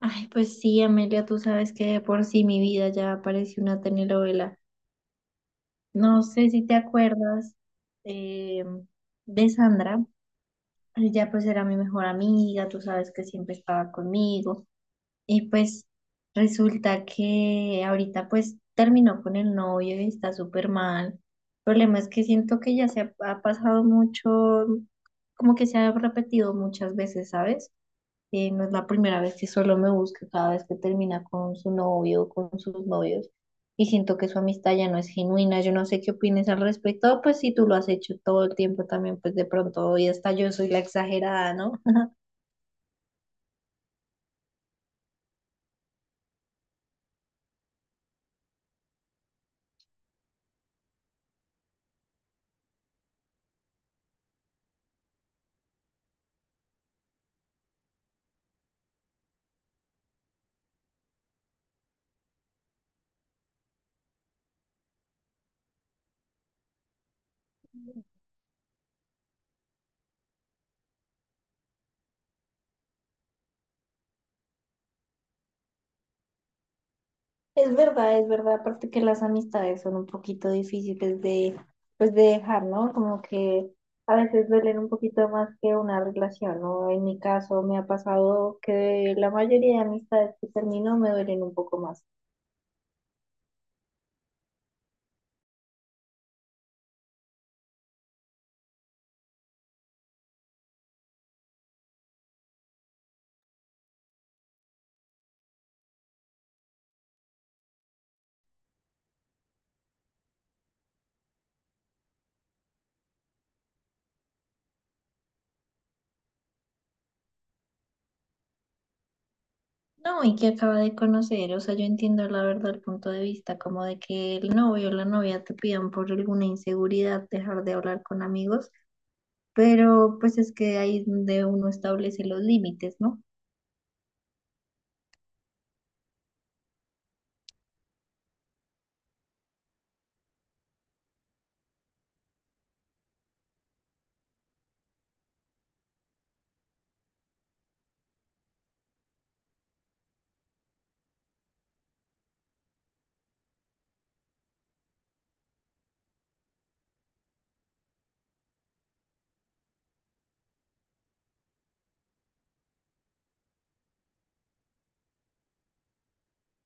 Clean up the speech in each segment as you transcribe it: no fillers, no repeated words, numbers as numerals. Ay, pues sí, Amelia, tú sabes que de por sí mi vida ya parece una telenovela. No sé si te acuerdas eh, de Sandra. Ella pues era mi mejor amiga, tú sabes que siempre estaba conmigo. Y pues resulta que ahorita pues terminó con el novio y está súper mal. El problema es que siento que ya se ha pasado mucho, como que se ha repetido muchas veces, ¿sabes? No es la primera vez que solo me busca cada vez que termina con su novio o con sus novios. Y siento que su amistad ya no es genuina. Yo no sé qué opines al respecto. Pues si tú lo has hecho todo el tiempo también, pues de pronto hoy hasta yo soy la exagerada, ¿no? Es verdad, es verdad. Aparte que las amistades son un poquito difíciles de, pues de dejar, ¿no? Como que a veces duelen un poquito más que una relación, ¿no? En mi caso me ha pasado que la mayoría de amistades que termino me duelen un poco más. No, y que acaba de conocer, o sea, yo entiendo la verdad el punto de vista, como de que el novio o la novia te pidan por alguna inseguridad dejar de hablar con amigos, pero pues es que ahí es donde uno establece los límites, ¿no?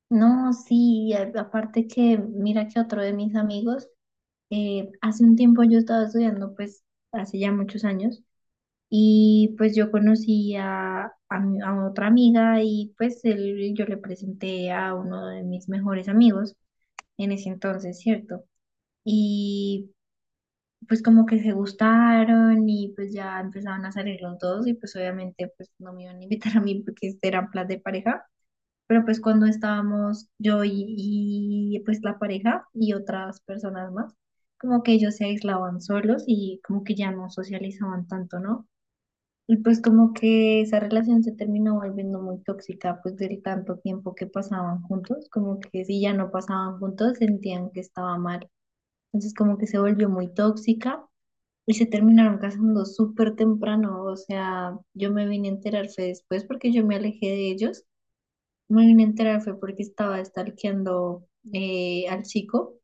No, sí, aparte que mira que otro de mis amigos, hace un tiempo yo estaba estudiando, pues hace ya muchos años, y pues yo conocí a a otra amiga y yo le presenté a uno de mis mejores amigos en ese entonces, ¿cierto? Y pues como que se gustaron y pues ya empezaban a salir los dos y pues obviamente pues no me iban a invitar a mí porque este eran plan de pareja, pero pues cuando estábamos yo y pues la pareja y otras personas más, como que ellos se aislaban solos y como que ya no socializaban tanto, ¿no? Y pues como que esa relación se terminó volviendo muy tóxica pues del tanto tiempo que pasaban juntos, como que si ya no pasaban juntos sentían que estaba mal, entonces como que se volvió muy tóxica y se terminaron casando súper temprano. O sea, yo me vine a enterar fue después porque yo me alejé de ellos. Me vine a enterar fue porque estaba stalkeando al chico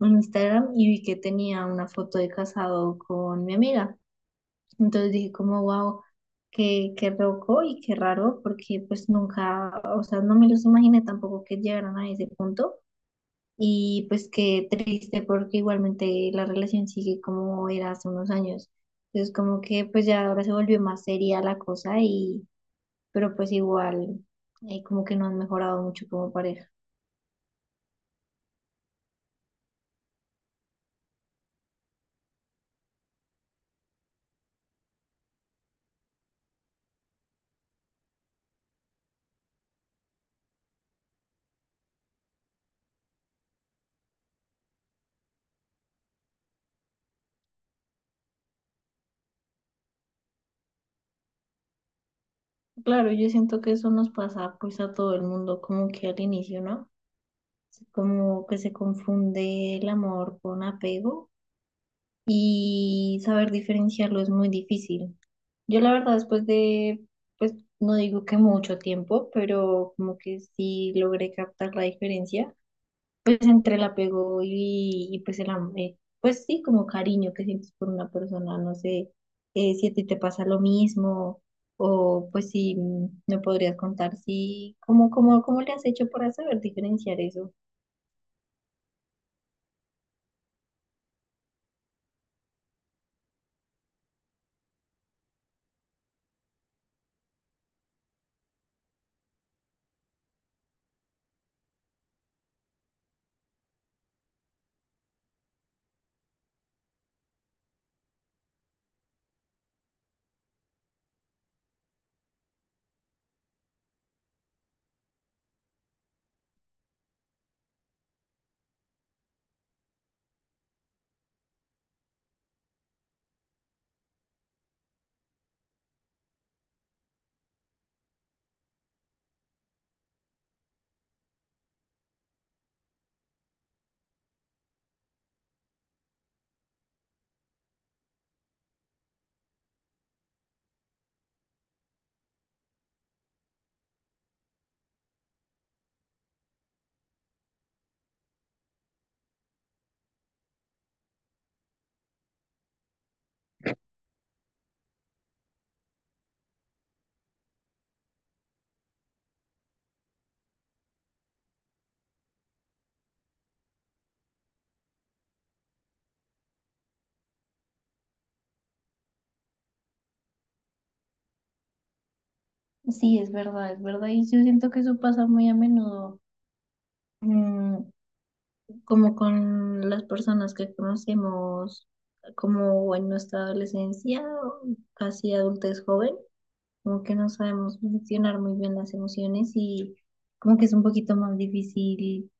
en Instagram y vi que tenía una foto de casado con mi amiga. Entonces dije como, wow, qué loco y qué raro porque pues nunca, o sea, no me los imaginé tampoco que llegaran a ese punto. Y pues qué triste porque igualmente la relación sigue como era hace unos años. Entonces como que pues ya ahora se volvió más seria la cosa y pero pues igual, como que no han mejorado mucho como pareja. Claro, yo siento que eso nos pasa pues a todo el mundo, como que al inicio, ¿no? Como que se confunde el amor con apego y saber diferenciarlo es muy difícil. Yo la verdad después de, pues no digo que mucho tiempo, pero como que sí logré captar la diferencia, pues entre el apego y pues pues sí, como cariño que sientes por una persona, no sé, si a ti te pasa lo mismo o pues si me podrías contar si, cómo le has hecho para saber diferenciar eso. Sí, es verdad, es verdad. Y yo siento que eso pasa muy a menudo. Mm, como con las personas que conocemos como en nuestra adolescencia, o casi adultez joven, como que no sabemos gestionar muy bien las emociones y como que es un poquito más difícil,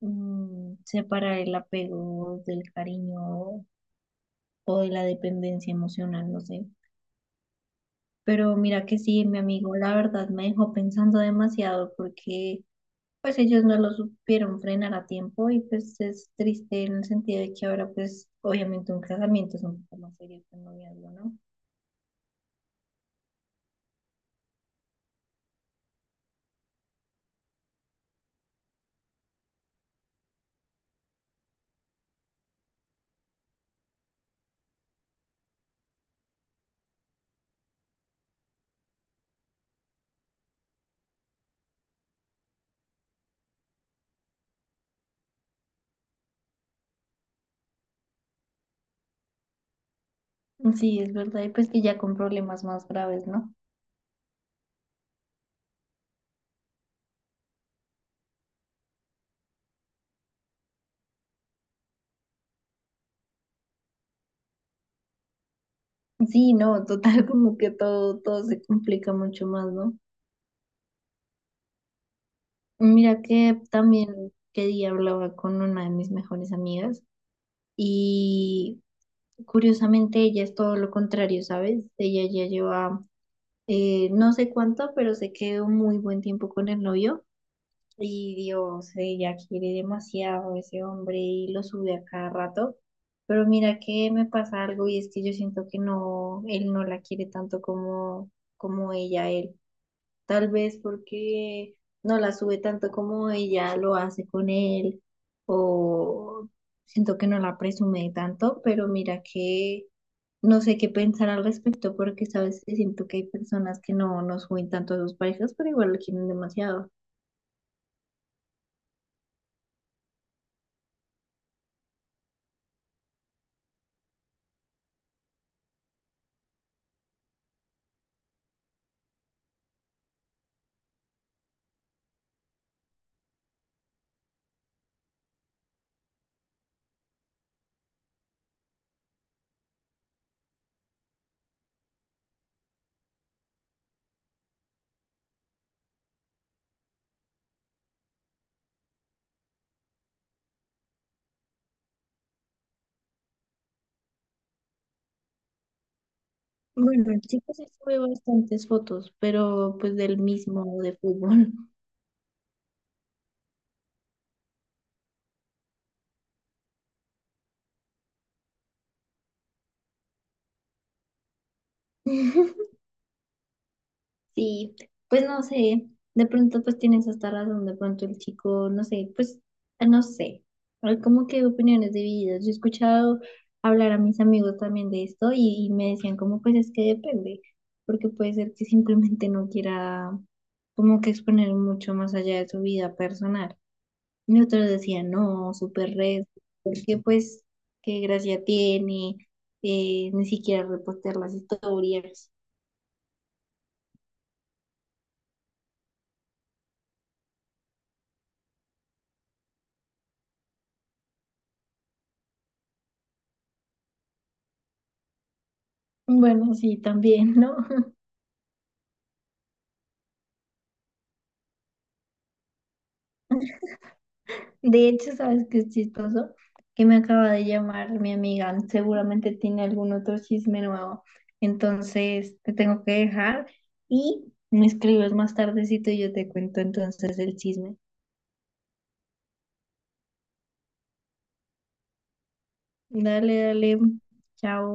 separar el apego del cariño o de la dependencia emocional, no sé. Pero mira que sí, mi amigo, la verdad me dejó pensando demasiado porque pues ellos no lo supieron frenar a tiempo y pues es triste en el sentido de que ahora pues obviamente un casamiento es un poco más serio que un noviazgo, ¿no? Sí, es verdad, y pues que ya con problemas más graves, ¿no? Sí, no, total, como que todo, todo se complica mucho más, ¿no? Mira que también que día hablaba con una de mis mejores amigas y curiosamente ella es todo lo contrario, ¿sabes? Ella ya lleva, no sé cuánto, pero se quedó muy buen tiempo con el novio. Y Dios, ella quiere demasiado a ese hombre y lo sube a cada rato. Pero mira que me pasa algo y es que yo siento que no, él no la quiere tanto como, como ella a él. Tal vez porque no la sube tanto como ella lo hace con él o siento que no la presume tanto, pero mira que no sé qué pensar al respecto porque sabes que siento que hay personas que no, no suben tanto a sus parejas, pero igual lo quieren demasiado. Bueno, sí que sí sube bastantes fotos, pero pues del mismo de fútbol. Sí, pues no sé, de pronto pues tienes hasta razón, de pronto el chico, no sé, pues ah, no sé, hay como que opiniones divididas. Yo he escuchado hablar a mis amigos también de esto y me decían como pues es que depende, porque puede ser que simplemente no quiera como que exponer mucho más allá de su vida personal. Y otros decían, no, súper red, porque pues, qué gracia tiene, ni siquiera repostear las historias. Bueno, sí, también, ¿no? De hecho, ¿sabes qué es chistoso? Que me acaba de llamar mi amiga, seguramente tiene algún otro chisme nuevo. Entonces, te tengo que dejar y me escribes más tardecito y yo te cuento entonces el chisme. Dale, dale, chao.